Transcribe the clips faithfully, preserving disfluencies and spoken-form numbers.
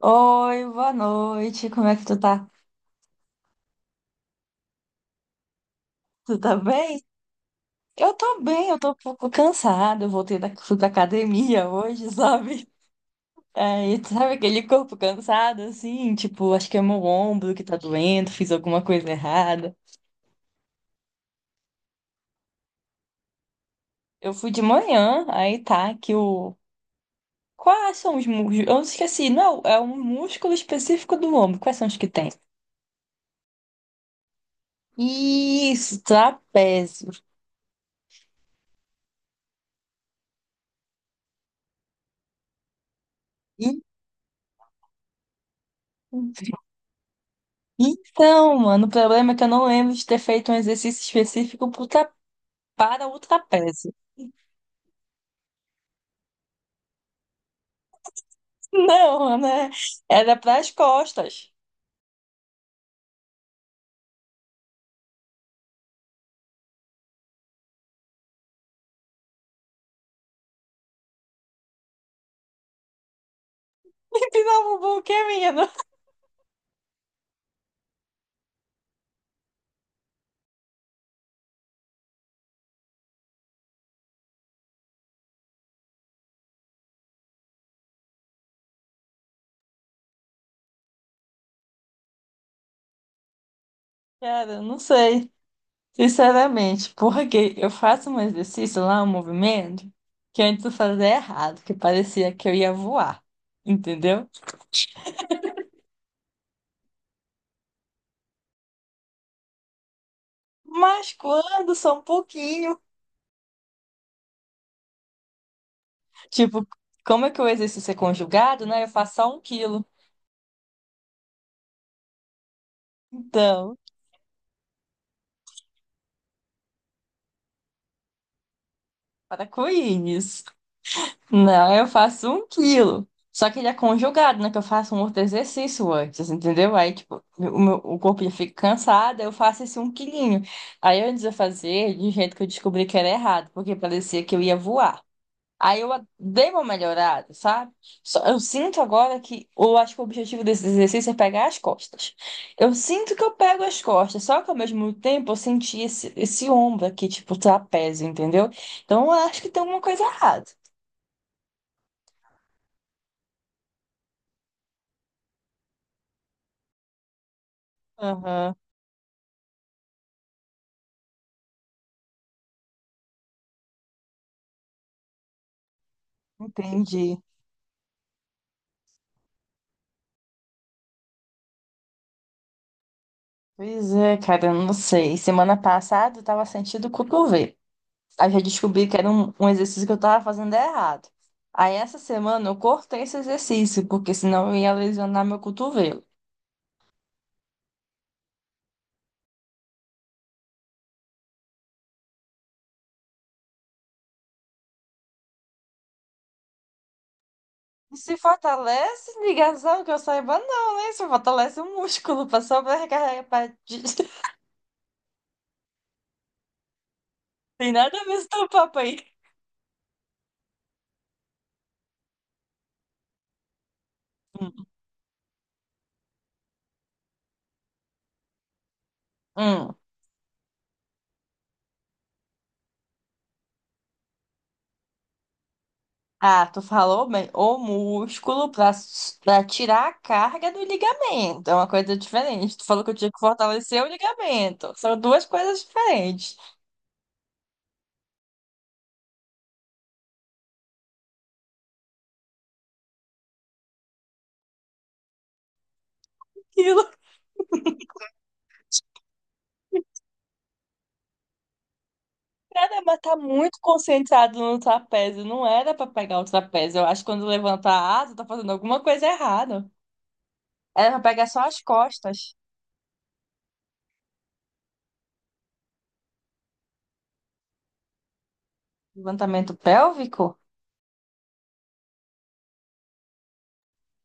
Oi, boa noite. Como é que tu tá? Tu tá bem? Eu tô bem, eu tô um pouco cansada. Eu voltei da, fui pra academia hoje, sabe? Aí, tu sabe aquele corpo cansado, assim? Tipo, acho que é meu ombro que tá doendo, fiz alguma coisa errada. Eu fui de manhã, aí tá que o... Quais são os músculos? Eu esqueci, não, é um músculo específico do ombro. Quais são os que tem? Isso, trapézio. Então, mano, o problema é que eu não lembro de ter feito um exercício específico pro tra- para o trapézio. Não, né? Era para as costas. Me pinava o buquê, menino. Cara, eu não sei, sinceramente, porque eu faço um exercício lá, um movimento, que antes eu fazia errado, que parecia que eu ia voar, entendeu? Mas quando só um pouquinho, tipo, como é que o exercício é conjugado, né? Eu faço só um quilo. Então, para com isso. Não, eu faço um quilo. Só que ele é conjugado, né? Que eu faço um outro exercício antes, entendeu? Aí, tipo, o meu, o corpo já fica cansado, eu faço esse um quilinho. Aí, antes de eu fazer, de um jeito que eu descobri que era errado, porque parecia que eu ia voar. Aí, eu dei uma melhorada, sabe? Só, eu sinto agora que, eu acho que o objetivo desse exercício é pegar as costas. Eu sinto que eu pego as costas, só que ao mesmo tempo eu senti esse, esse ombro aqui, tipo, trapézio, entendeu? Então, eu acho que tem alguma coisa errada. Aham. Entendi. Pois é, cara, eu não sei. Semana passada eu tava sentindo o cotovelo. Aí já descobri que era um, um exercício que eu tava fazendo errado. Aí essa semana eu cortei esse exercício, porque senão eu ia lesionar meu cotovelo. E se fortalece, ligação, que eu saiba, não, né? Se fortalece o músculo pra sobrecarregar. Pra... des- Tem nada a ver com teu papo aí. Hum. Hum. Ah, tu falou bem, o músculo pra, pra tirar a carga do ligamento. É uma coisa diferente. Tu falou que eu tinha que fortalecer o ligamento. São duas coisas diferentes. Aquilo, cara, mas tá muito concentrado no trapézio. Não era pra pegar o trapézio. Eu acho que quando levanta a asa, tá fazendo alguma coisa errada. Era pra pegar só as costas. Levantamento pélvico?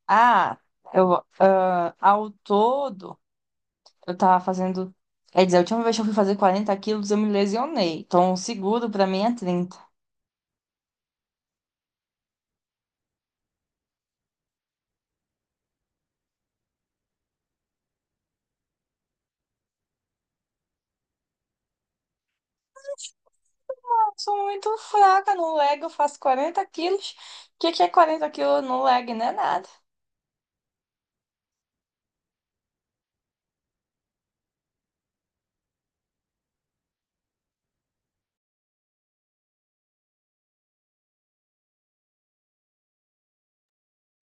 Ah, eu, ah, ao todo. Eu tava fazendo. Quer dizer, a última vez que eu fui fazer quarenta quilos, eu me lesionei. Então, o seguro pra mim é trinta. Eu sou muito fraca no leg, eu faço quarenta quilos. O que que é quarenta quilos no leg? Não é nada.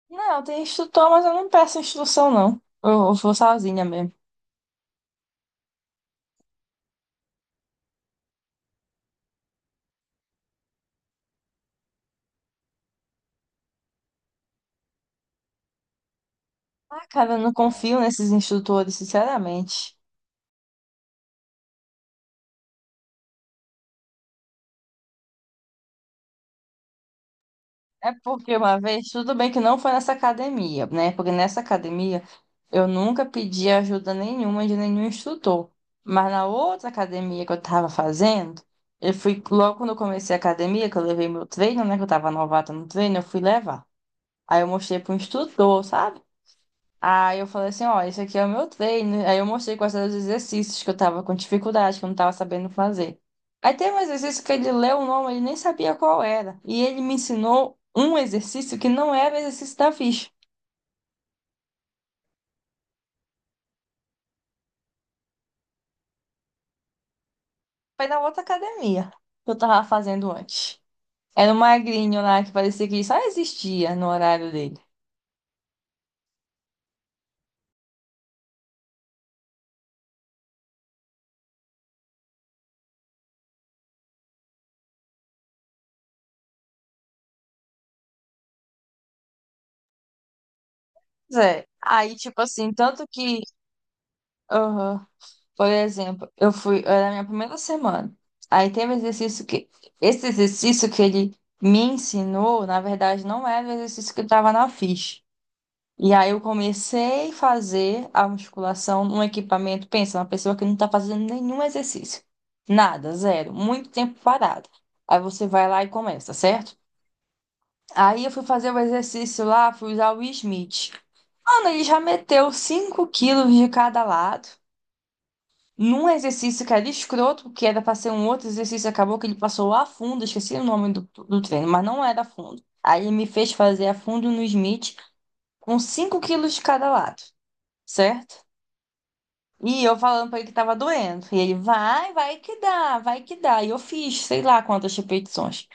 Não, tem instrutor, mas eu não peço instrução, não. Eu, eu vou sozinha mesmo. Ah, cara, eu não confio nesses instrutores, sinceramente. É porque uma vez, tudo bem que não foi nessa academia, né? Porque nessa academia eu nunca pedi ajuda nenhuma de nenhum instrutor. Mas na outra academia que eu tava fazendo, eu fui, logo quando eu comecei a academia, que eu levei meu treino, né? Que eu tava novata no treino, eu fui levar. Aí eu mostrei pro instrutor, sabe? Aí eu falei assim, ó, esse aqui é o meu treino. Aí eu mostrei quais eram os exercícios que eu tava com dificuldade, que eu não tava sabendo fazer. Aí tem um exercício que ele leu o nome, ele nem sabia qual era. E ele me ensinou um exercício que não era o exercício da ficha. Foi na outra academia que eu tava fazendo antes. Era um magrinho lá que parecia que só existia no horário dele. Pois é. Aí, tipo assim, tanto que. Aham. Por exemplo, eu fui, era a minha primeira semana. Aí teve um exercício que, esse exercício que ele me ensinou, na verdade, não era o exercício que estava na ficha. E aí eu comecei a fazer a musculação num equipamento, pensa, uma pessoa que não está fazendo nenhum exercício. Nada, zero, muito tempo parado. Aí você vai lá e começa, certo? Aí eu fui fazer o exercício lá, fui usar o Smith. Mano, ele já meteu cinco quilos de cada lado. Num exercício que era escroto, que era para ser um outro exercício, acabou que ele passou a fundo, esqueci o nome do, do treino, mas não era a fundo. Aí ele me fez fazer a fundo no Smith com cinco quilos de cada lado, certo? E eu falando pra ele que tava doendo. E ele, vai, vai que dá, vai que dá. E eu fiz, sei lá quantas repetições.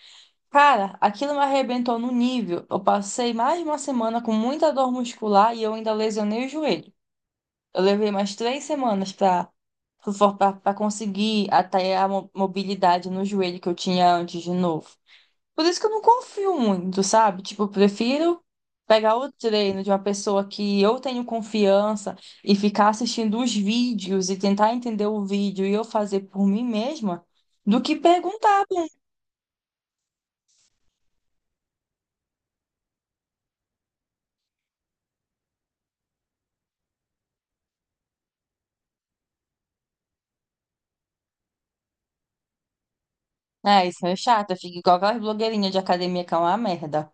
Cara, aquilo me arrebentou no nível. Eu passei mais de uma semana com muita dor muscular e eu ainda lesionei o joelho. Eu levei mais três semanas para para conseguir até a mo- mobilidade no joelho que eu tinha antes de novo. Por isso que eu não confio muito, sabe? Tipo, eu prefiro pegar o treino de uma pessoa que eu tenho confiança e ficar assistindo os vídeos e tentar entender o vídeo e eu fazer por mim mesma do que perguntar. pra um- É, isso é chato, fica igual aquelas blogueirinhas de academia que é uma merda.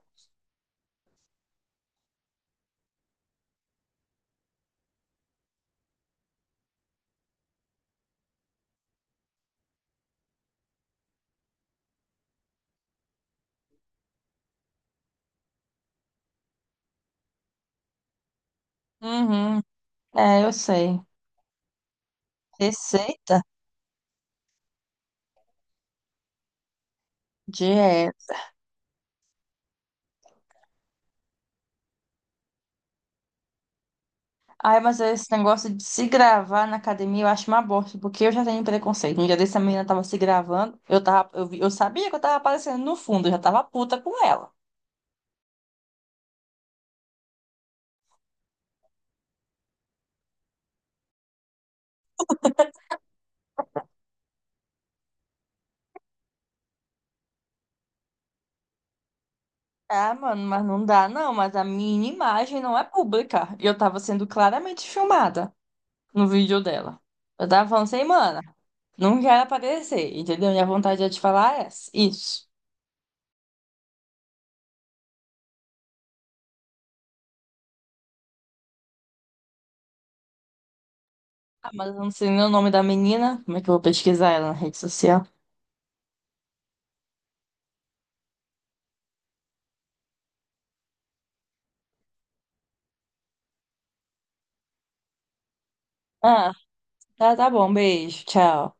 Uhum. É, eu sei. Receita? Dieta. Ai, mas esse negócio de se gravar na academia eu acho uma bosta, porque eu já tenho preconceito. Um dia desse a menina tava se gravando, eu tava, eu, vi- eu sabia que eu tava aparecendo no fundo, eu já tava puta com ela. Ah, mano, mas não dá não, mas a minha imagem não é pública. E eu tava sendo claramente filmada no vídeo dela. Eu tava falando assim, mana, não quero aparecer, entendeu? Minha vontade é te falar é essa, isso. Ah, mas eu não sei nem o nome da menina, como é que eu vou pesquisar ela na rede social? Ah, tá, tá bom, beijo, tchau.